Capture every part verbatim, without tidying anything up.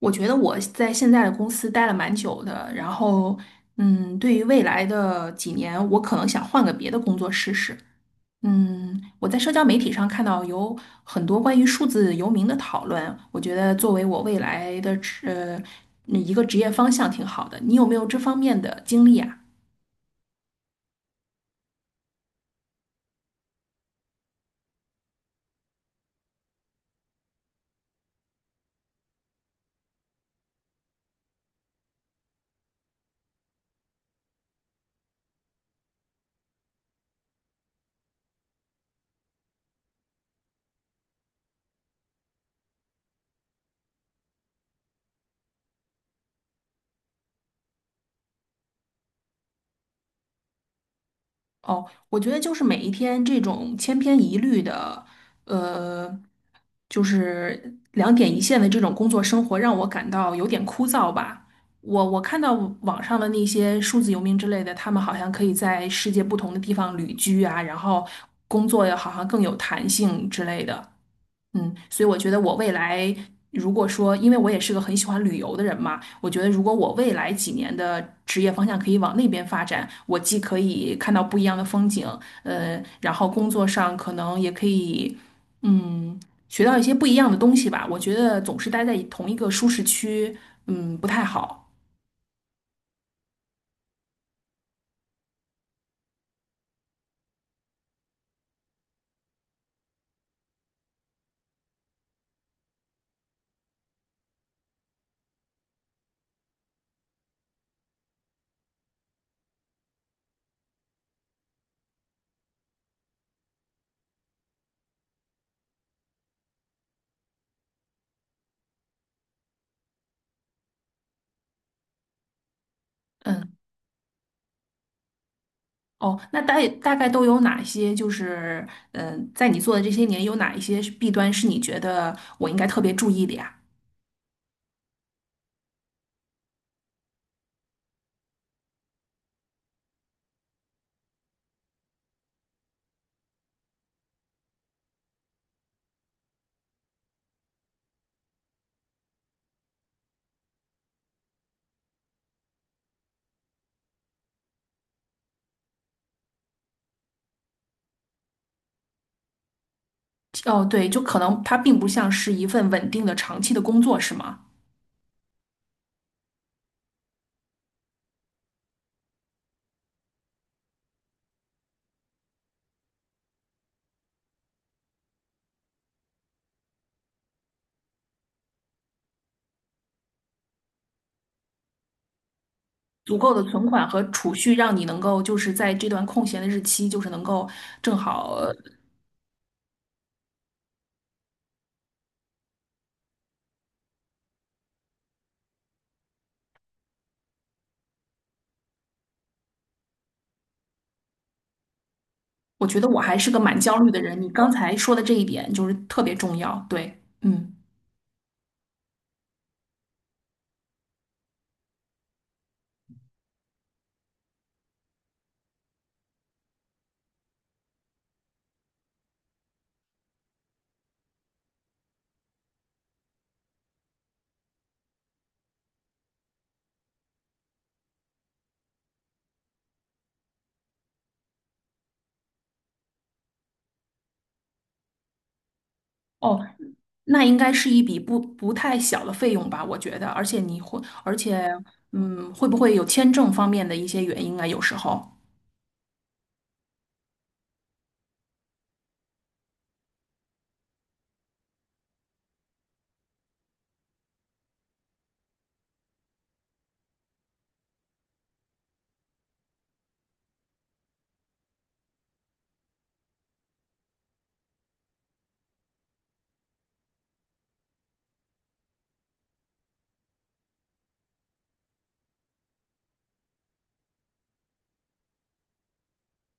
我觉得我在现在的公司待了蛮久的，然后，嗯，对于未来的几年，我可能想换个别的工作试试。嗯，我在社交媒体上看到有很多关于数字游民的讨论，我觉得作为我未来的职，呃，嗯一个职业方向挺好的。你有没有这方面的经历啊？哦，我觉得就是每一天这种千篇一律的，呃。就是两点一线的这种工作生活让我感到有点枯燥吧。我我看到网上的那些数字游民之类的，他们好像可以在世界不同的地方旅居啊，然后工作也好像更有弹性之类的。嗯，所以我觉得我未来如果说，因为我也是个很喜欢旅游的人嘛，我觉得如果我未来几年的职业方向可以往那边发展，我既可以看到不一样的风景，呃，然后工作上可能也可以，嗯，学到一些不一样的东西吧。我觉得总是待在同一个舒适区，嗯，不太好。嗯，哦，那大大概都有哪些？就是，嗯、在你做的这些年，有哪一些是弊端是你觉得我应该特别注意的呀？哦，对，就可能它并不像是一份稳定的长期的工作，是吗？足够的存款和储蓄，让你能够就是在这段空闲的日期，就是能够正好。呃我觉得我还是个蛮焦虑的人，你刚才说的这一点就是特别重要。对，嗯，哦，那应该是一笔不不太小的费用吧？我觉得，而且你会，而且，嗯，会不会有签证方面的一些原因啊？有时候。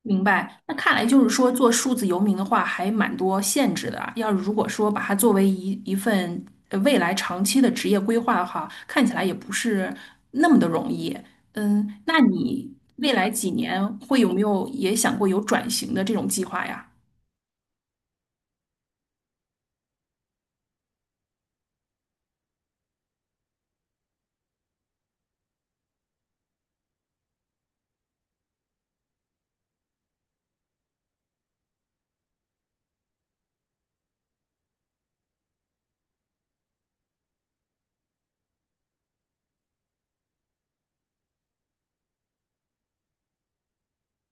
明白，那看来就是说，做数字游民的话还蛮多限制的啊。要是如果说把它作为一一份呃未来长期的职业规划的话，看起来也不是那么的容易。嗯，那你未来几年会有没有也想过有转型的这种计划呀？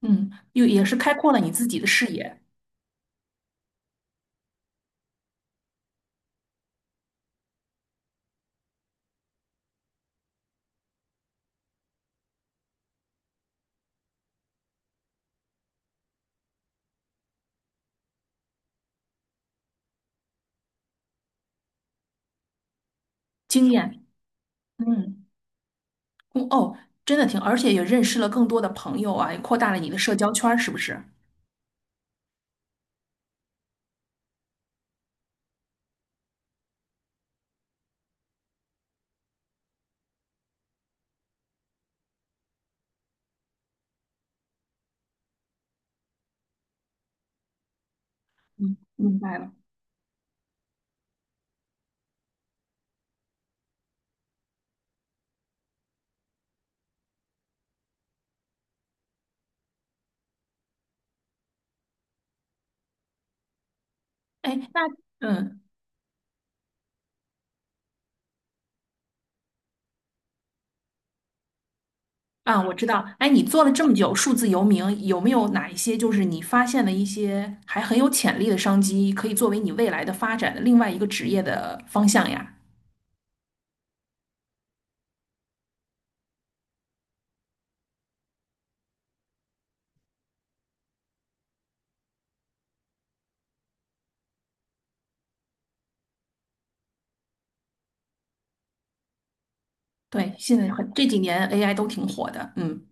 嗯，又也是开阔了你自己的视野、经验。嗯，嗯哦，真的挺，而且也认识了更多的朋友啊，也扩大了你的社交圈儿，是不是？嗯，明白了。哎，那。嗯，啊，我知道。哎，你做了这么久数字游民，有没有哪一些就是你发现的一些还很有潜力的商机，可以作为你未来的发展的另外一个职业的方向呀？对，现在很，这几年 A I 都挺火的。嗯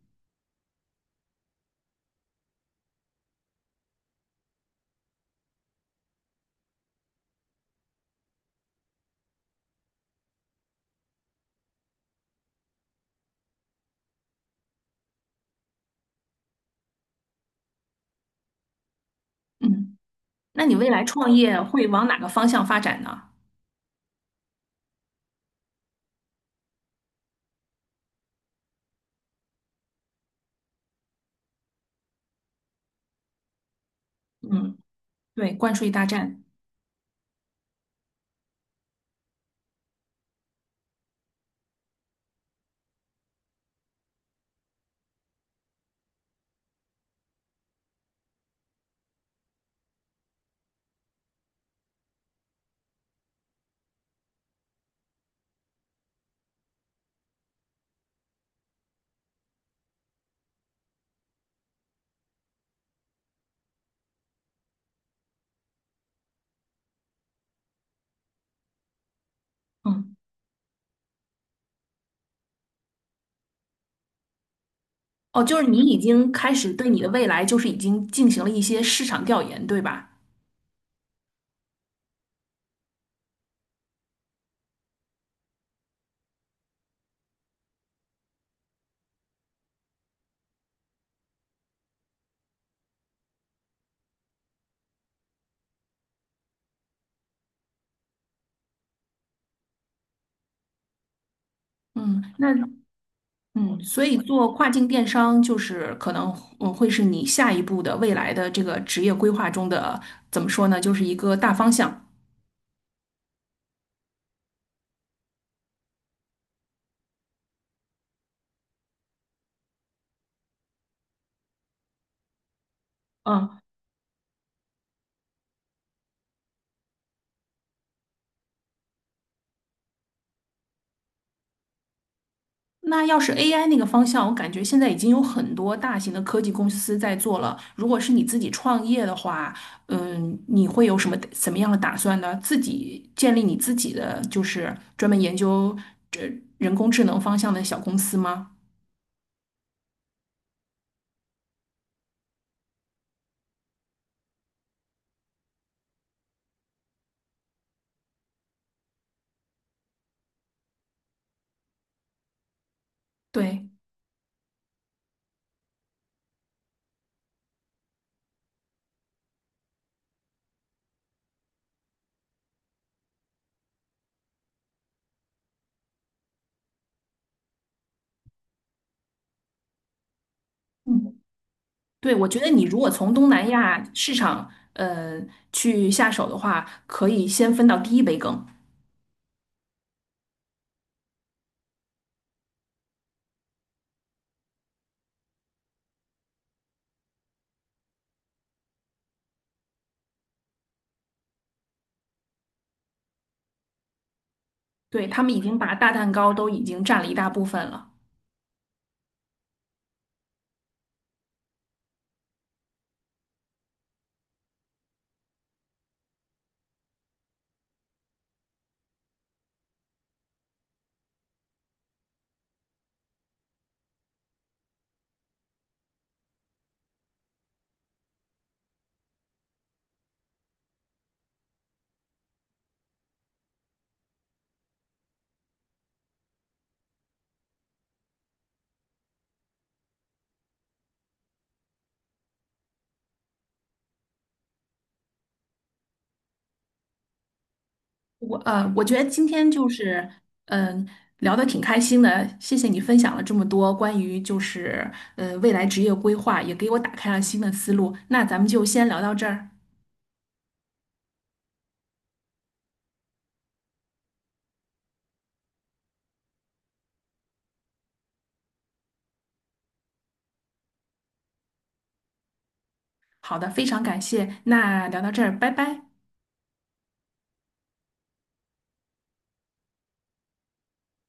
嗯，那你未来创业会往哪个方向发展呢？嗯，对，关税大战。嗯，哦，就是你已经开始对你的未来就是已经进行了一些市场调研，对吧？嗯，那嗯，所以做跨境电商就是可能嗯会是你下一步的未来的这个职业规划中的怎么说呢，就是一个大方向。嗯，那要是 A I 那个方向，我感觉现在已经有很多大型的科技公司在做了。如果是你自己创业的话，嗯，你会有什么怎么样的打算呢？自己建立你自己的就是专门研究这人工智能方向的小公司吗？对，嗯。对，我觉得你如果从东南亚市场，呃，去下手的话，可以先分到第一杯羹。对，他们已经把大蛋糕都已经占了一大部分了。我呃，我觉得今天就是，嗯、聊得挺开心的，谢谢你分享了这么多关于就是呃未来职业规划，也给我打开了新的思路。那咱们就先聊到这儿。好的，非常感谢，那聊到这儿，拜拜。